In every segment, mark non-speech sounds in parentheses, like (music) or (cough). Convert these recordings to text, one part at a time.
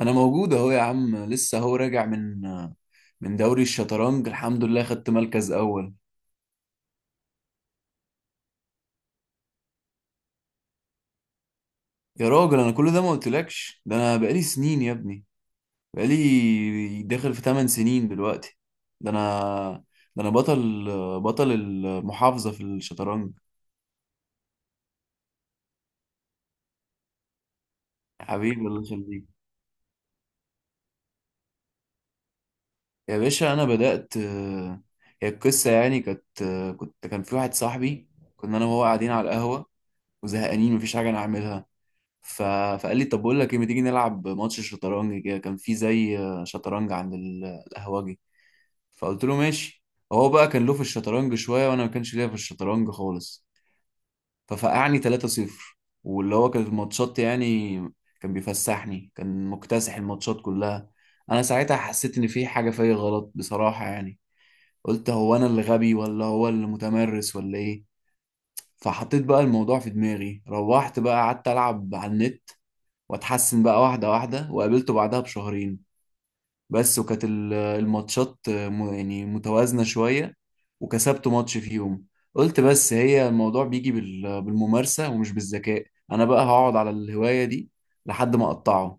انا موجود اهو يا عم، لسه اهو راجع من دوري الشطرنج. الحمد لله خدت مركز اول. يا راجل انا كل ده ما قلتلكش. ده انا بقالي سنين يا ابني، بقالي داخل في 8 سنين دلوقتي. ده انا ده انا بطل المحافظة في الشطرنج. حبيبي الله يخليك. يا باشا انا بدأت هي القصة يعني كانت كان في واحد صاحبي، كنا انا وهو قاعدين على القهوة وزهقانين مفيش حاجة نعملها. ف... فقال لي طب بقول لك ايه، ما تيجي نلعب ماتش شطرنج؟ كده كان في زي شطرنج عند القهوجي. فقلت له ماشي. هو بقى كان له في الشطرنج شويه، وانا ما كانش ليا في الشطرنج خالص. ففقعني 3-0. واللي هو كانت الماتشات يعني، كان بيفسحني، كان مكتسح الماتشات كلها. انا ساعتها حسيت ان في حاجه فيا غلط بصراحه يعني. قلت هو انا اللي غبي ولا هو اللي متمرس ولا ايه؟ فحطيت بقى الموضوع في دماغي، روحت بقى قعدت العب على النت واتحسن بقى واحدة واحدة، وقابلته بعدها بشهرين بس. وكانت الماتشات يعني متوازنة شوية، وكسبته ماتش فيهم. قلت بس هي الموضوع بيجي بالممارسة ومش بالذكاء. أنا بقى هقعد على الهواية دي لحد ما أقطعه.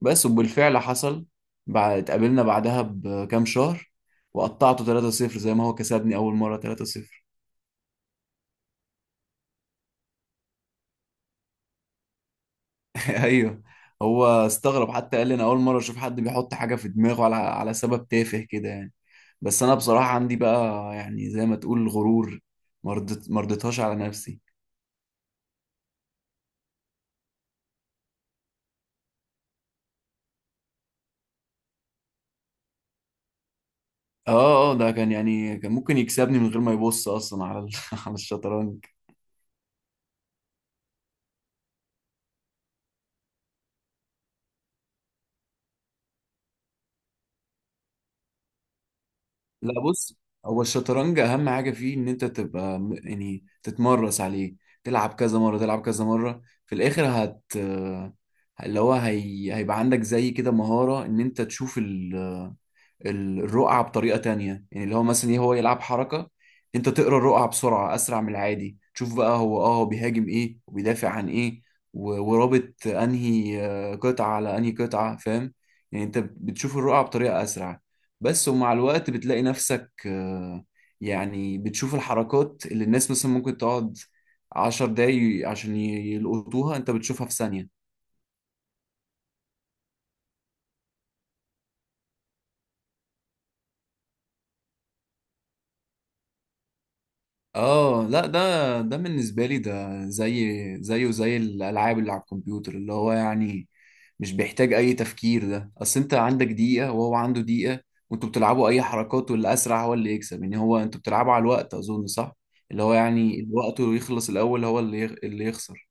بس وبالفعل حصل. بعد اتقابلنا بعدها بكام شهر، وقطعته 3-0 زي ما هو كسبني أول مرة 3-0. (laughs) ايوه. هو استغرب، حتى قال لي انا اول مره اشوف حد بيحط حاجه في دماغه على سبب تافه كده يعني. بس انا بصراحه عندي بقى يعني زي ما تقول غرور، مرضتهاش على نفسي. اه اه، ده كان يعني كان ممكن يكسبني من غير ما يبص اصلا على (laughs) على الشطرنج. لا بص، هو الشطرنج اهم حاجه فيه ان انت تبقى يعني تتمرس عليه، تلعب كذا مره تلعب كذا مره، في الاخر هت... اللي هو هيبقى عندك زي كده مهاره ان انت تشوف الرقعة بطريقة تانية. يعني اللي هو مثلا ايه، هو يلعب حركة، انت تقرا الرقعة بسرعة اسرع من العادي، تشوف بقى هو اه هو بيهاجم ايه وبيدافع عن ايه، ورابط انهي قطعة على انهي قطعة، فاهم؟ يعني انت بتشوف الرقعة بطريقة اسرع بس. ومع الوقت بتلاقي نفسك يعني بتشوف الحركات اللي الناس مثلا ممكن تقعد عشر دقايق عشان يلقطوها، انت بتشوفها في ثانية. اه لا ده، ده بالنسبه لي ده زيه زي الالعاب اللي على الكمبيوتر، اللي هو يعني مش بيحتاج اي تفكير. ده اصل انت عندك دقيقه وهو عنده دقيقه، وانتوا بتلعبوا اي حركات، واللي اسرع هو اللي يكسب يعني. هو انتوا بتلعبوا على الوقت اظن صح، اللي هو يعني الوقت اللي يخلص الاول هو اللي يخسر.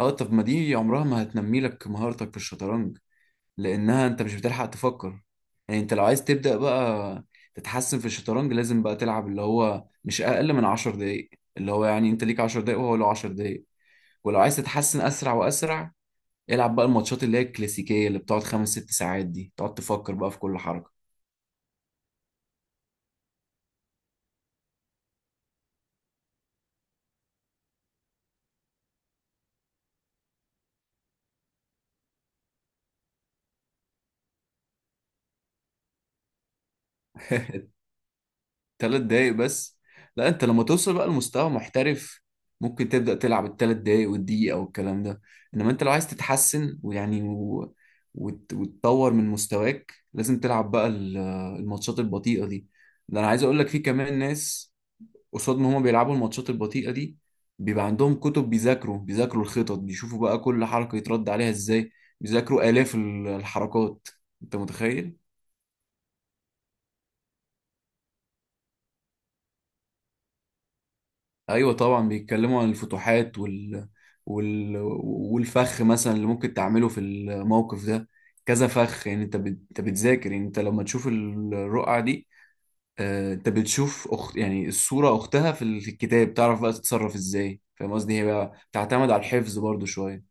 اه طب ما دي عمرها ما هتنمي لك مهارتك في الشطرنج، لانها انت مش بتلحق تفكر. يعني انت لو عايز تبدا بقى تتحسن في الشطرنج، لازم بقى تلعب اللي هو مش اقل من 10 دقايق. اللي هو يعني انت ليك 10 دقايق وهو له 10 دقايق. ولو عايز تتحسن اسرع واسرع، العب بقى الماتشات اللي هي الكلاسيكيه اللي بتقعد خمس ست ساعات دي، تقعد تفكر بقى في كل حركه. (laughs) ثلاث دقايق بس؟ لا، انت لما توصل بقى لمستوى محترف ممكن تبدأ تلعب الثلاث دقايق والدقيقة والكلام ده. انما انت لو عايز تتحسن ويعني وتطور من مستواك، لازم تلعب بقى الماتشات البطيئة دي. ده انا عايز اقول لك في كمان ناس، قصاد ما هما بيلعبوا الماتشات البطيئة دي، بيبقى عندهم كتب، بيذاكروا الخطط، بيشوفوا بقى كل حركة يترد عليها ازاي، بيذاكروا آلاف الحركات. انت متخيل؟ ايوه طبعا، بيتكلموا عن الفتوحات وال... والفخ مثلا اللي ممكن تعمله في الموقف ده. كذا فخ يعني. انت انت بتذاكر يعني، انت لما تشوف الرقعة دي انت بتشوف يعني الصورة اختها في الكتاب، تعرف بقى تتصرف ازاي، فاهم قصدي؟ هي بقى تعتمد على الحفظ برضو شوية.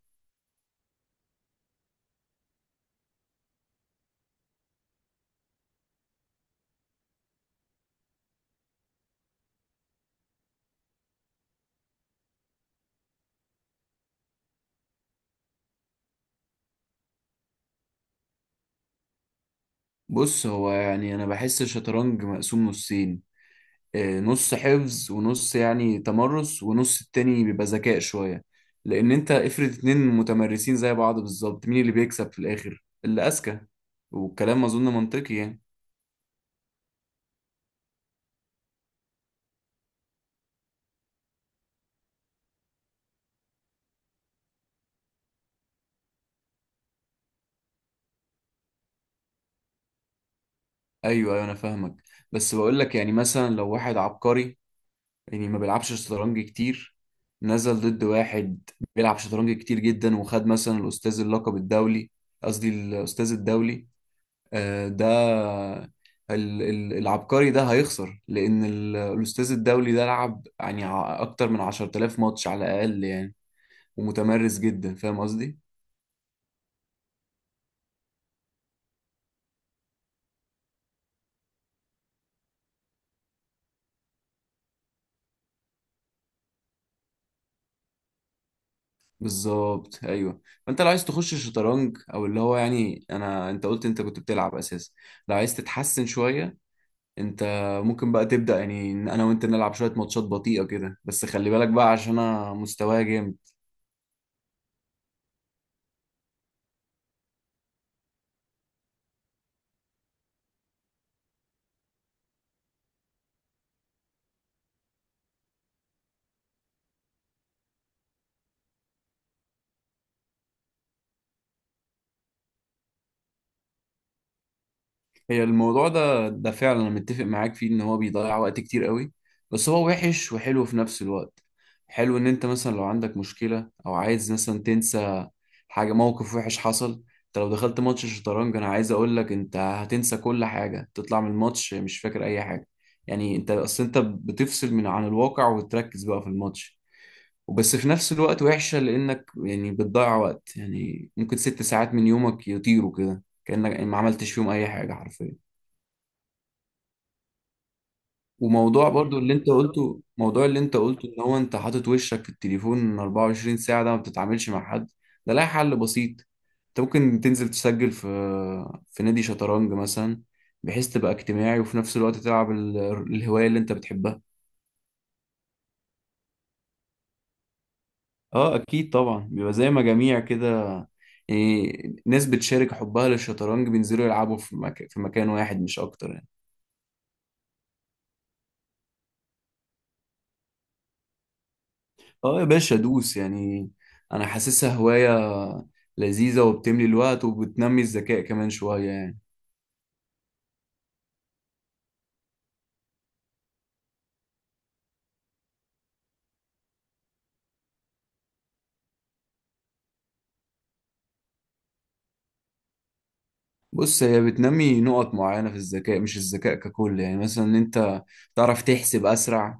بص هو يعني انا بحس الشطرنج مقسوم نصين، نص حفظ ونص يعني تمرس، ونص التاني بيبقى ذكاء شوية. لأن أنت افرض اتنين متمرسين زي بعض بالظبط، مين اللي بيكسب في الآخر؟ اللي أذكى. والكلام أظن منطقي يعني. أيوه أيوه أنا فاهمك. بس بقول لك يعني، مثلا لو واحد عبقري، يعني ما بيلعبش شطرنج كتير، نزل ضد واحد بيلعب شطرنج كتير جدا، وخد مثلا الأستاذ اللقب الدولي، قصدي الأستاذ الدولي، ده العبقري ده هيخسر، لأن الأستاذ الدولي ده لعب يعني أكتر من 10000 ماتش على الأقل يعني، ومتمرس جدا. فاهم قصدي؟ بالظبط أيوه. فأنت لو عايز تخش شطرنج، أو اللي هو يعني أنا أنت قلت أنت كنت بتلعب أساسا، لو عايز تتحسن شوية، أنت ممكن بقى تبدأ يعني إن أنا وأنت نلعب شوية ماتشات بطيئة كده. بس خلي بالك بقى، عشان أنا مستواي جامد. هي الموضوع ده فعلا انا متفق معاك فيه، ان هو بيضيع وقت كتير قوي. بس هو وحش وحلو في نفس الوقت. حلو ان انت مثلا لو عندك مشكلة او عايز مثلا تنسى حاجة موقف وحش حصل، انت لو دخلت ماتش الشطرنج انا عايز اقول لك انت هتنسى كل حاجة، تطلع من الماتش مش فاكر اي حاجة. يعني انت اصل انت بتفصل من عن الواقع وتركز بقى في الماتش وبس. في نفس الوقت وحشة لانك يعني بتضيع وقت، يعني ممكن ست ساعات من يومك يطيروا كده كأنك ما عملتش فيهم اي حاجة حرفيا. وموضوع برضو اللي انت قلته، ان هو انت حاطط وشك في التليفون 24 ساعة ده، ما بتتعاملش مع حد، ده لها حل بسيط. انت ممكن تنزل تسجل في في نادي شطرنج مثلا، بحيث تبقى اجتماعي وفي نفس الوقت تلعب الهواية اللي انت بتحبها. اه اكيد طبعا، بيبقى زي مجاميع كده، يعني ناس بتشارك حبها للشطرنج بينزلوا يلعبوا في في مكان واحد مش اكتر يعني. اه يا باشا دوس يعني، انا حاسسها هواية لذيذة وبتملي الوقت وبتنمي الذكاء كمان شوية يعني. بص هي بتنمي نقط معينة في الذكاء مش الذكاء ككل، يعني مثلا ان انت تعرف تحسب اسرع،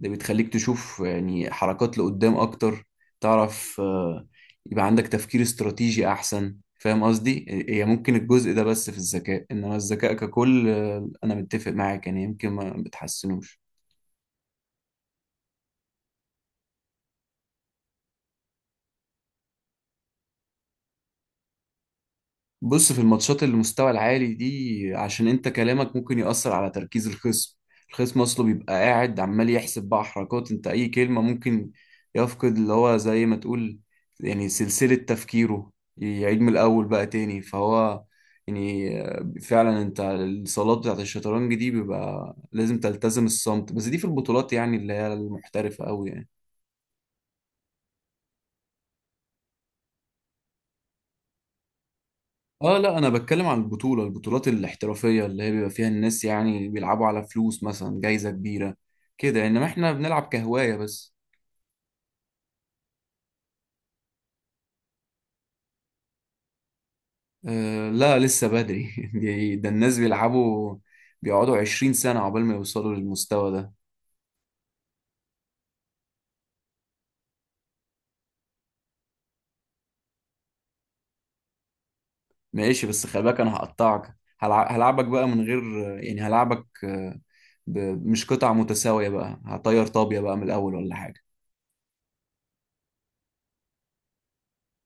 ده بتخليك تشوف يعني حركات لقدام اكتر، تعرف يبقى عندك تفكير استراتيجي احسن. فاهم قصدي؟ هي ممكن الجزء ده بس في الذكاء، انما الذكاء ككل انا متفق معاك يعني، يمكن ما بتحسنوش. بص، في الماتشات اللي المستوى العالي دي، عشان انت كلامك ممكن يأثر على تركيز الخصم. الخصم اصله بيبقى قاعد عمال يحسب بقى حركات، انت اي كلمة ممكن يفقد اللي هو زي ما تقول يعني سلسلة تفكيره، يعيد من الاول بقى تاني. فهو يعني، فعلا انت الصالات بتاعت الشطرنج دي بيبقى لازم تلتزم الصمت، بس دي في البطولات يعني اللي هي المحترفة قوي يعني. اه لا، انا بتكلم عن البطولات الاحترافيه، اللي هي بيبقى فيها الناس يعني بيلعبوا على فلوس، مثلا جايزه كبيره كده. انما احنا بنلعب كهوايه بس. آه لا لسه بدري. (laughs) ده الناس بيلعبوا بيقعدوا 20 سنه عقبال ما يوصلوا للمستوى ده. ماشي، بس خلي بالك انا هقطعك، هلعبك بقى من غير، يعني هلعبك ب- مش قطع متساويه بقى، هطير طابيه بقى من الاول ولا حاجه.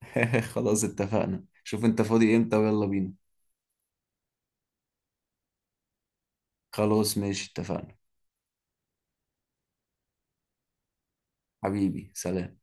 (laughs) خلاص اتفقنا، شوف انت فاضي امتى ويلا بينا. خلاص ماشي اتفقنا. حبيبي سلام.